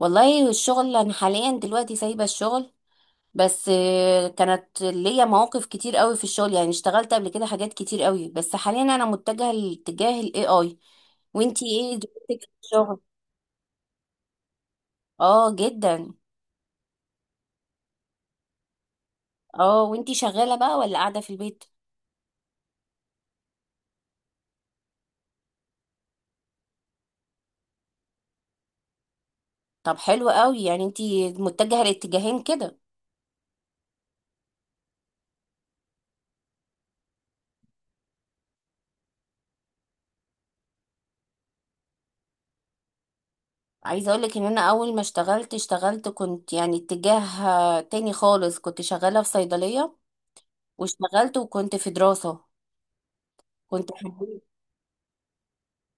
والله الشغل انا حاليا دلوقتي سايبه الشغل، بس كانت ليا مواقف كتير قوي في الشغل. يعني اشتغلت قبل كده حاجات كتير قوي، بس حاليا انا متجهه لاتجاه الاي اي. وانتي ايه دنيتك في الشغل؟ اه جدا. اه وانتي شغاله بقى ولا قاعده في البيت؟ طب حلو قوي، يعني انتي متجهه لاتجاهين كده. عايزه اقولك ان انا اول ما اشتغلت كنت يعني اتجاه تاني خالص. كنت شغاله في صيدليه واشتغلت وكنت في دراسه. كنت حبيت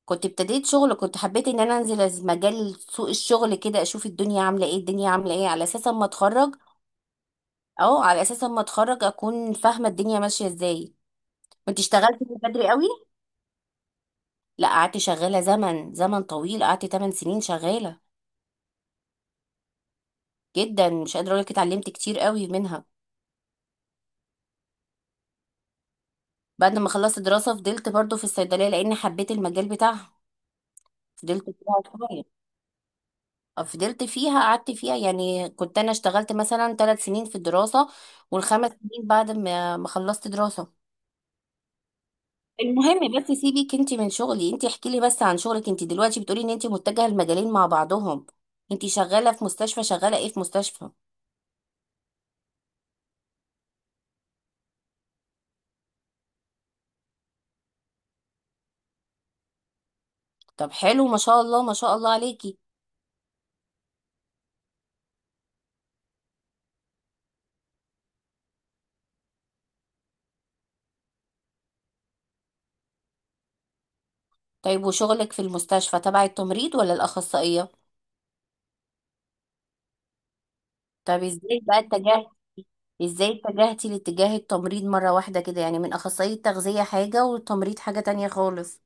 كنت ابتديت شغل، كنت حبيت ان انا انزل مجال سوق الشغل كده، اشوف الدنيا عامله ايه. على اساس اما اتخرج، اه على اساس اما اتخرج اكون فاهمه الدنيا ماشيه ازاي. كنت اشتغلت من بدري قوي، لا قعدت شغاله زمن طويل، قعدت 8 سنين شغاله. جدا، مش قادره اقول لك اتعلمت كتير قوي منها. بعد ما خلصت دراسه فضلت برضو في الصيدليه، لان حبيت المجال بتاعها. فضلت فيها شوية. فضلت فيها قعدت فيها، يعني كنت انا اشتغلت مثلا 3 سنين في الدراسة، والـ5 سنين بعد ما خلصت دراسة. المهم بس سيبك انت من شغلي، انت احكي لي بس عن شغلك انت دلوقتي. بتقولي ان انت متجهة المجالين مع بعضهم. انت شغالة في مستشفى، شغالة ايه في مستشفى؟ طب حلو، ما شاء الله ما شاء الله عليكي. طيب وشغلك في المستشفى تبع التمريض ولا الأخصائية؟ طب ازاي بقى اتجه؟ ازاي اتجهتي لاتجاه التمريض مرة واحدة كده؟ يعني من أخصائية تغذية حاجة، والتمريض حاجة تانية خالص.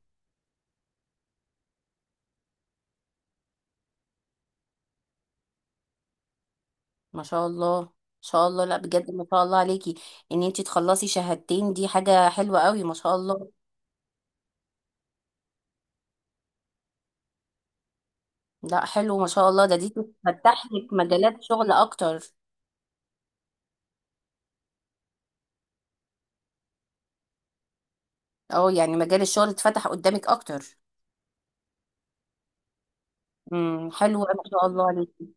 ما شاء الله، ما شاء الله، لا بجد ما شاء الله عليكي. ان انتي تخلصي شهادتين دي حاجة حلوة قوي، ما شاء الله. لا حلو، ما شاء الله، ده دي تفتح لك مجالات شغل اكتر. اه، يعني مجال الشغل اتفتح قدامك اكتر. حلو، ما شاء الله عليكي.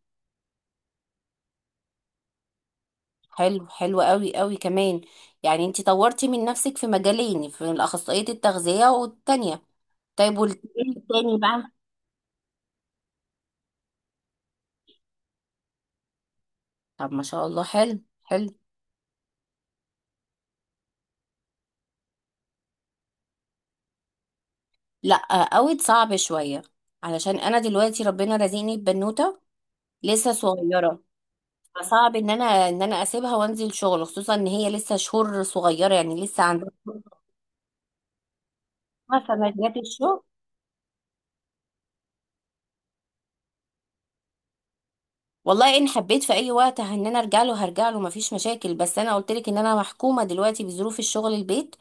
حلو حلو قوي قوي كمان. يعني انتي طورتي من نفسك في مجالين، في الاخصائية التغذية والتانية. طيب والتاني بقى. طب ما شاء الله، حلو حلو. لا، اوت صعب شوية، علشان انا دلوقتي ربنا رزقني ببنوتة لسه صغيره. فصعب ان انا اسيبها وانزل شغل، خصوصا ان هي لسه شهور صغيره، يعني لسه عندها. مثلا جات الشغل. والله ان حبيت في اي وقت ان انا ارجع له هرجع له، مفيش مشاكل. بس انا قلت لك ان انا محكومه دلوقتي بظروف الشغل البيت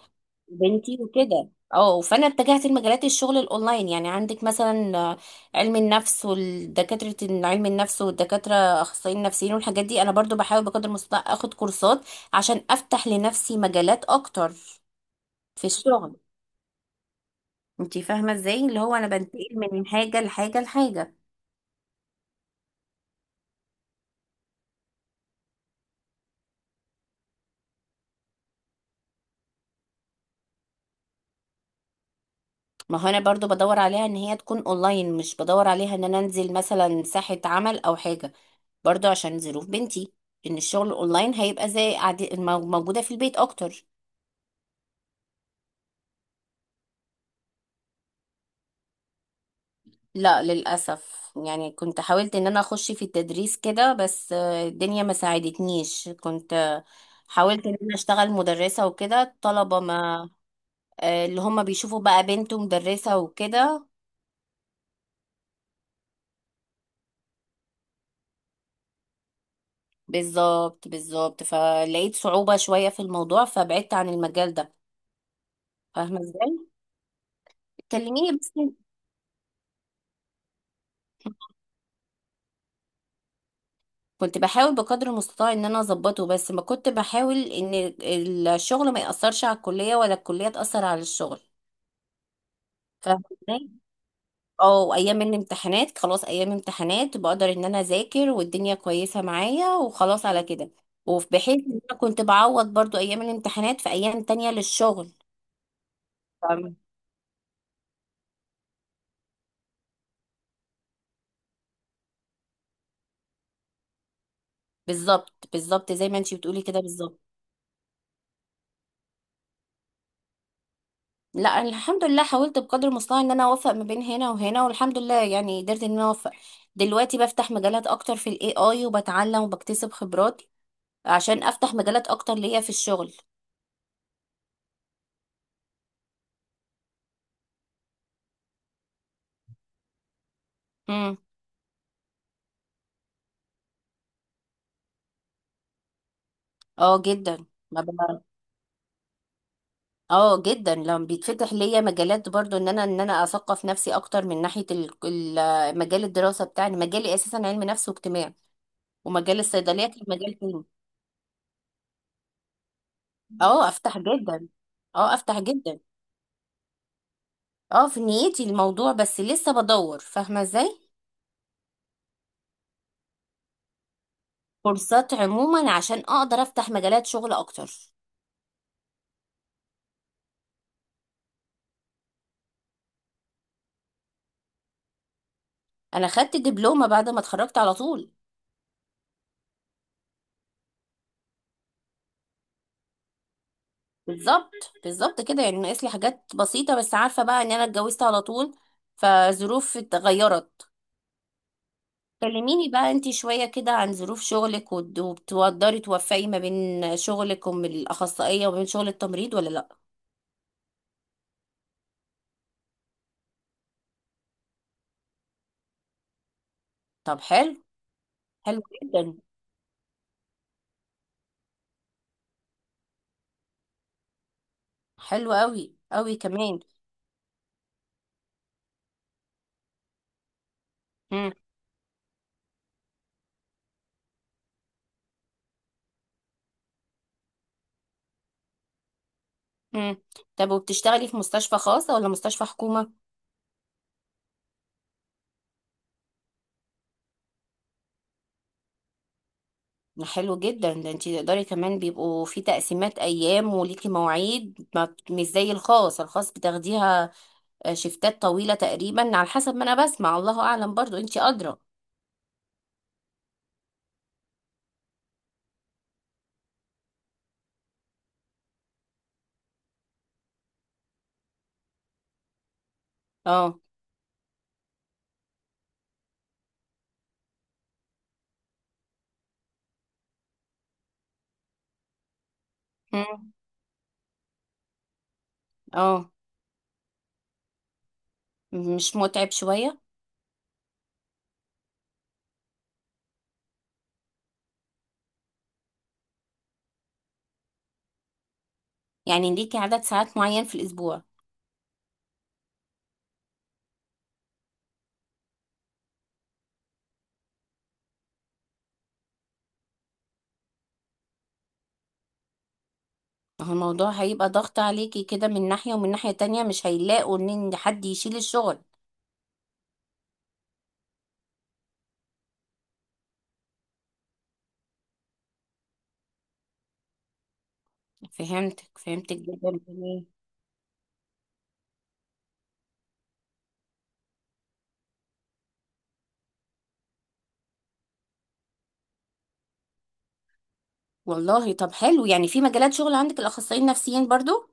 بنتي وكده. اه، فانا اتجهت لمجالات الشغل الاونلاين. يعني عندك مثلا علم النفس والدكاتره. اخصائيين نفسيين والحاجات دي، انا برضو بحاول بقدر المستطاع اخد كورسات عشان افتح لنفسي مجالات اكتر في الشغل. انتي فاهمة ازاي؟ اللي هو انا بنتقل من حاجة لحاجة لحاجة. ما هو انا برضو بدور عليها ان هي تكون اونلاين، مش بدور عليها ان انا انزل مثلا ساحة عمل او حاجة، برضو عشان ظروف بنتي. ان الشغل اونلاين هيبقى زي عادي، موجودة في البيت اكتر. لا للأسف، يعني كنت حاولت ان انا اخش في التدريس كده، بس الدنيا ما ساعدتنيش. كنت حاولت ان انا اشتغل مدرسة وكده، الطلبة ما اللي هم بيشوفوا بقى بنت مدرسة وكده. بالظبط بالظبط، فلقيت صعوبة شوية في الموضوع، فبعدت عن المجال ده. فاهمة ازاي؟ كلميني بس. كنت بحاول بقدر المستطاع ان انا اظبطه، بس ما كنت بحاول ان الشغل ما يأثرش على الكلية، ولا الكلية تأثر على الشغل. فاهمة ازاي؟ اه، ايام الامتحانات خلاص، ايام امتحانات بقدر ان انا اذاكر والدنيا كويسة معايا وخلاص على كده. وبحيث ان انا كنت بعوض برضو ايام الامتحانات في ايام تانية للشغل. فاهمة؟ بالظبط بالظبط، زي ما انتي بتقولي كده بالظبط. لا الحمد لله، حاولت بقدر المستطاع ان انا اوفق ما بين هنا وهنا، والحمد لله يعني قدرت ان انا اوفق. دلوقتي بفتح مجالات اكتر في الاي اي، وبتعلم وبكتسب خبرات عشان افتح مجالات اكتر ليا في الشغل. امم. اه جدا ما ب- اه جدا، لما بيتفتح ليا مجالات برضو ان انا اثقف نفسي اكتر من ناحية مجال الدراسة بتاعي. مجالي اساسا علم نفس واجتماع، ومجال الصيدلية كان مجال تاني. اه افتح جدا، اه افتح جدا. اه في نيتي الموضوع، بس لسه بدور، فاهمة ازاي؟ كورسات عموما عشان اقدر افتح مجالات شغل اكتر. انا خدت دبلومة بعد ما اتخرجت على طول. بالظبط بالظبط كده، يعني ناقص لي حاجات بسيطة. بس عارفة بقى ان انا اتجوزت على طول، فظروف اتغيرت. كلميني بقى انتي شوية كده عن ظروف شغلك، وبتقدري توفقي ما بين شغلك ومن الأخصائية وما بين شغل التمريض ولا لأ؟ طب حلو، حلو جدا. حلو قوي قوي كمان. مم. طب وبتشتغلي في مستشفى خاصة ولا مستشفى حكومة؟ حلو جدا، ده انتي تقدري كمان. بيبقوا في تقسيمات ايام وليكي مواعيد، ما بت- مش زي الخاص. الخاص بتاخديها شفتات طويلة تقريبا، على حسب ما انا بسمع، الله اعلم، برضو انتي ادرى. اه. مم. اه، مش متعب شوية؟ يعني ليكي عدد ساعات معين في الاسبوع؟ ما هو الموضوع هيبقى ضغط عليكي كده من ناحية، ومن ناحية تانية مش هيلاقوا ان إن حد يشيل الشغل. فهمتك فهمتك جدا. والله طب حلو، يعني في مجالات شغل عندك الأخصائيين النفسيين برضو.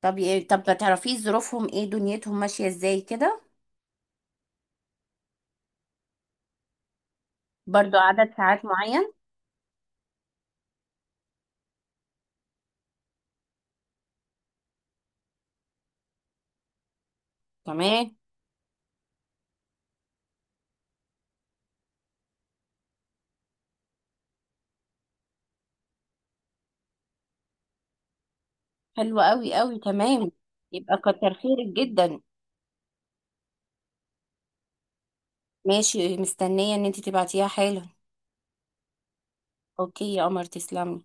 طب طب ما تعرفيه ظروفهم ايه، دنيتهم ماشية ازاي كده؟ برضو عدد ساعات معين. تمام. حلو قوي قوي، تمام. يبقى كتر خيرك جدا. ماشي، مستنية ان انت تبعتيها حالا. اوكي يا قمر، تسلمي.